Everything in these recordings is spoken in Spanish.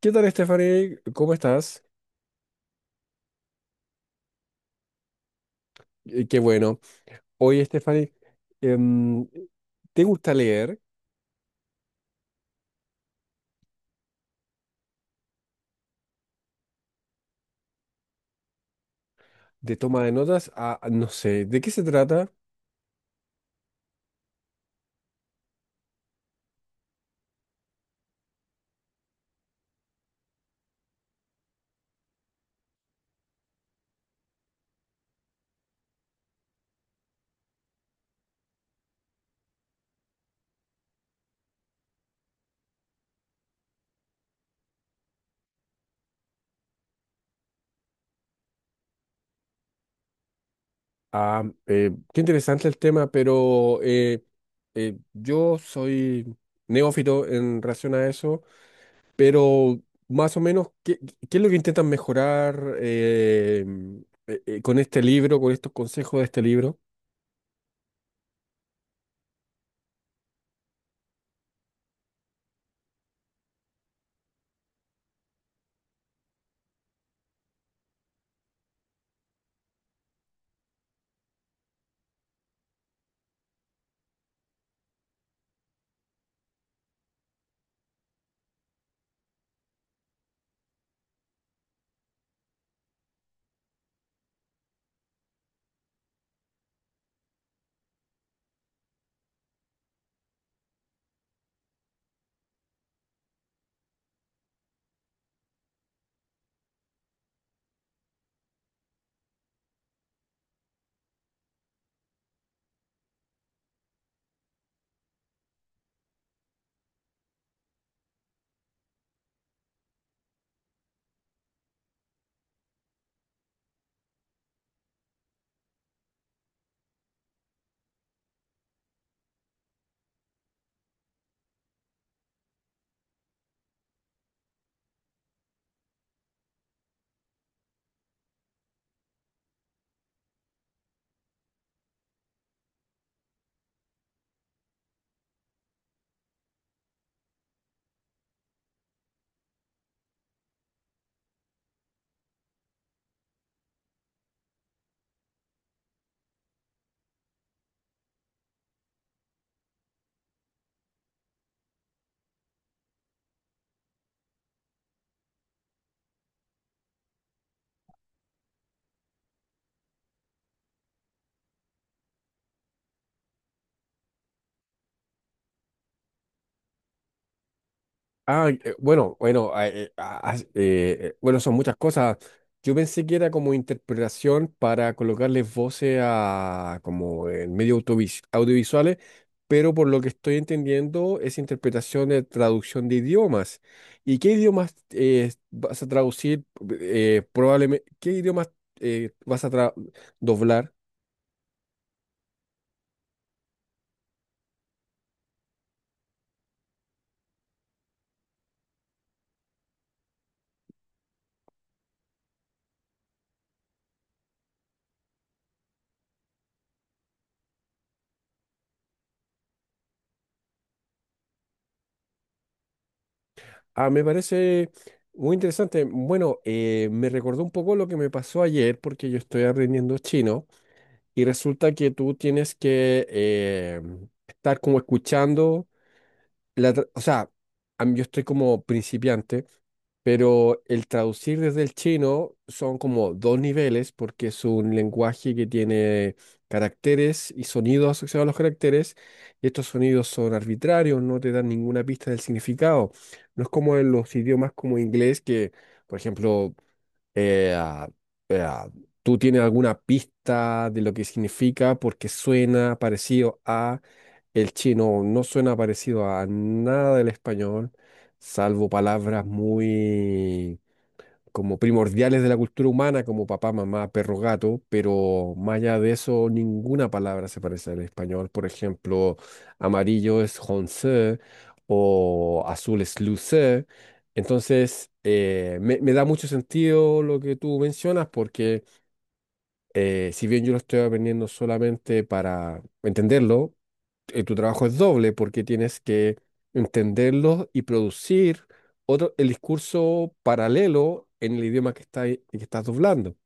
¿Qué tal, Stephanie? ¿Cómo estás? Qué bueno. Oye, Stephanie, em, ¿te gusta leer de toma de notas? Ah, no sé, ¿de qué se trata? Ah, qué interesante el tema, pero yo soy neófito en relación a eso. Pero más o menos, ¿qué es lo que intentan mejorar con este libro, con estos consejos de este libro? Ah, bueno, bueno, son muchas cosas. Yo pensé que era como interpretación para colocarle voces a como en medios audiovisuales, pero por lo que estoy entendiendo es interpretación de traducción de idiomas. ¿Y qué idiomas vas a traducir? Probablemente, ¿qué idiomas vas a doblar? Ah, me parece muy interesante. Bueno, me recordó un poco lo que me pasó ayer porque yo estoy aprendiendo chino. Y resulta que tú tienes que estar como escuchando, o sea, yo estoy como principiante, pero el traducir desde el chino son como dos niveles porque es un lenguaje que tiene caracteres y sonidos asociados a los caracteres, y estos sonidos son arbitrarios, no te dan ninguna pista del significado. No es como en los idiomas como inglés que, por ejemplo, eh, ¿tú tienes alguna pista de lo que significa? Porque suena parecido a el chino, no suena parecido a nada del español, salvo palabras muy como primordiales de la cultura humana, como papá, mamá, perro, gato, pero más allá de eso, ninguna palabra se parece al español. Por ejemplo, amarillo es honcé o azul es lucé. Entonces, me da mucho sentido lo que tú mencionas porque... Si bien yo lo estoy aprendiendo solamente para entenderlo, tu trabajo es doble porque tienes que entenderlo y producir otro, el discurso paralelo en el idioma que estás doblando.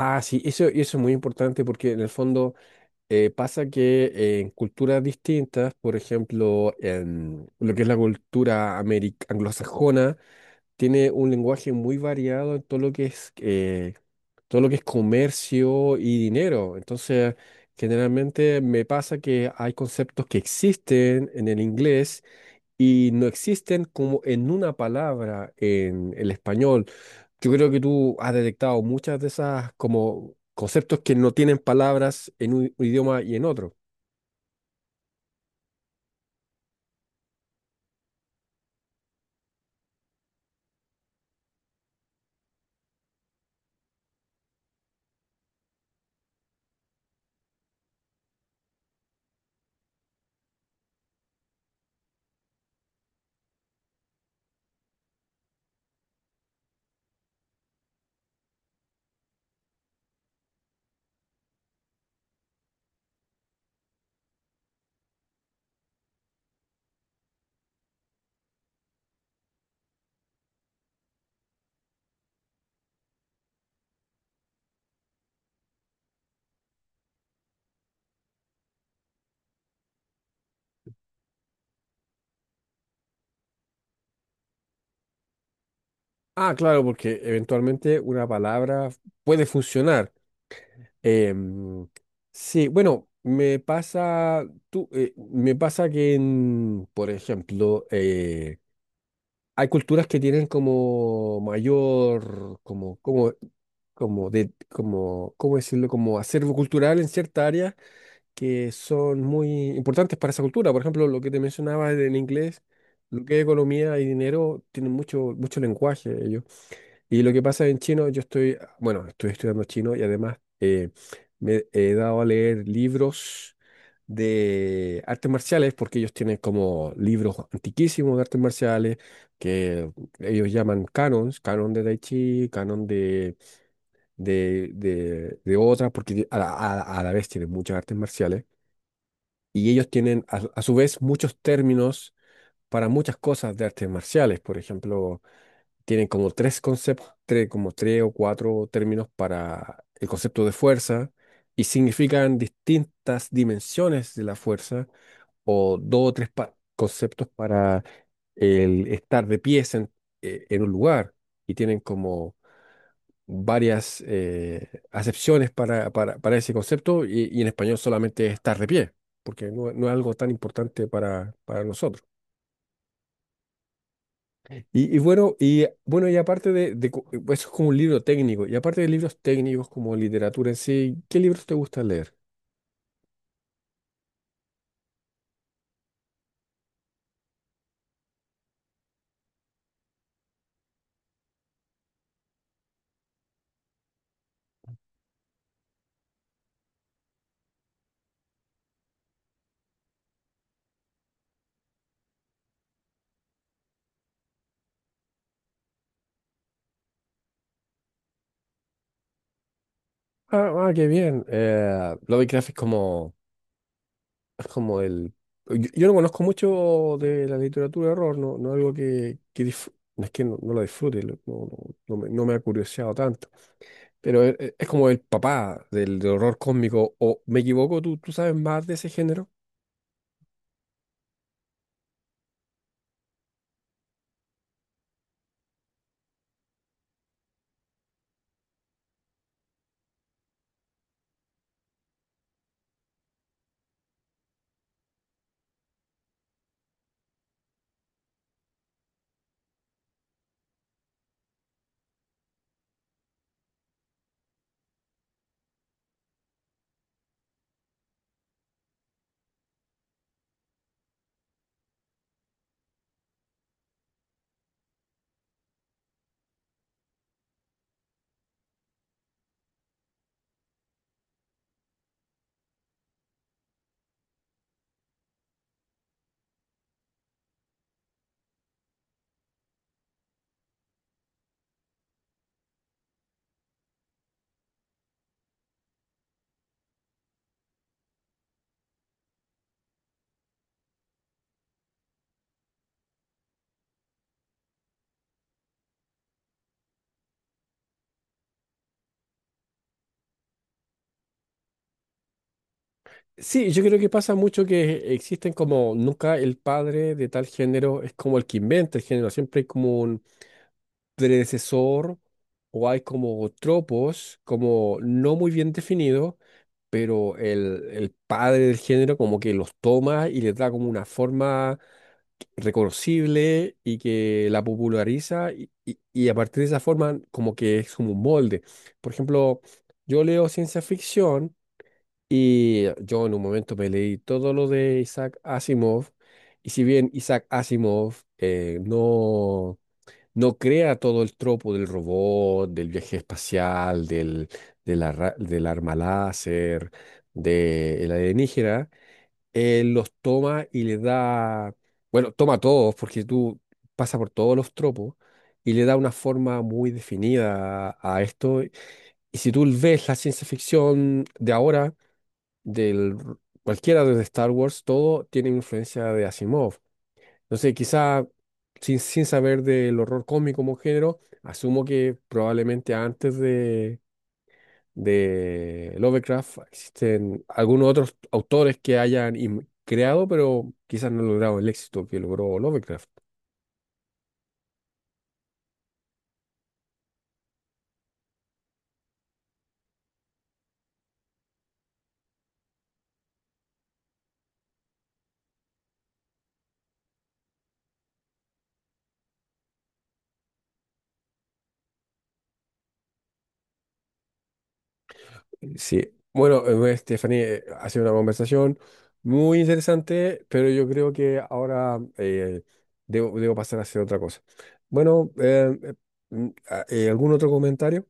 Ah, sí, eso, y eso es muy importante porque en el fondo pasa que en culturas distintas, por ejemplo, en lo que es la cultura anglosajona, tiene un lenguaje muy variado en todo lo que es todo lo que es comercio y dinero. Entonces, generalmente me pasa que hay conceptos que existen en el inglés y no existen como en una palabra en el español. Yo creo que tú has detectado muchas de esas como conceptos que no tienen palabras en un idioma y en otro. Ah, claro, porque eventualmente una palabra puede funcionar. Em, sí, bueno, me pasa, me pasa que, por ejemplo, hay culturas que tienen como mayor, ¿cómo decirlo? Como acervo cultural en ciertas áreas que son muy importantes para esa cultura. Por ejemplo, lo que te mencionaba en inglés, lo que es economía y dinero, tienen mucho, mucho lenguaje ellos. Y lo que pasa en chino, yo estoy, bueno, estoy estudiando chino y además me he dado a leer libros de artes marciales, porque ellos tienen como libros antiquísimos de artes marciales, que ellos llaman canons, canon de Tai Chi, canon de, de otras, porque a la vez tienen muchas artes marciales. Y ellos tienen a su vez muchos términos para muchas cosas de artes marciales. Por ejemplo, tienen como tres conceptos, como tres o cuatro términos para el concepto de fuerza y significan distintas dimensiones de la fuerza o dos o tres conceptos para el estar de pies en un lugar y tienen como varias acepciones para, para ese concepto y en español solamente es estar de pie, porque no, no es algo tan importante para nosotros. Y bueno, y aparte de, eso es como un libro técnico, y aparte de libros técnicos como literatura en sí, ¿qué libros te gusta leer? Ah, ah, qué bien. Lovecraft es como el... yo no conozco mucho de la literatura de horror, no, no algo que, no es que no lo disfrute, no me, no me ha curioseado tanto, pero es, como el papá del, del horror cósmico, o me equivoco, ¿tú sabes más de ese género? Sí, yo creo que pasa mucho que existen como nunca el padre de tal género es como el que inventa el género, siempre hay como un predecesor o hay como tropos como no muy bien definidos, pero el padre del género como que los toma y les da como una forma reconocible y que la populariza y a partir de esa forma como que es como un molde. Por ejemplo, yo leo ciencia ficción y yo en un momento me leí todo lo de Isaac Asimov, y si bien Isaac Asimov no crea todo el tropo del robot, del viaje espacial, del, del arma láser, del alienígena, él los toma y le da, bueno, toma todos, porque tú pasas por todos los tropos, y le da una forma muy definida a esto. Y si tú ves la ciencia ficción de ahora, del cualquiera de Star Wars, todo tiene influencia de Asimov. Entonces, quizá sin saber del horror cósmico como género, asumo que probablemente antes de Lovecraft existen algunos otros autores que creado, pero quizás no han logrado el éxito que logró Lovecraft. Sí, bueno, pues, Stephanie, ha sido una conversación muy interesante, pero yo creo que ahora debo pasar a hacer otra cosa. Bueno, ¿algún otro comentario?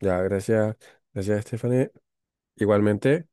Ya, gracias, gracias, Stephanie. Igualmente.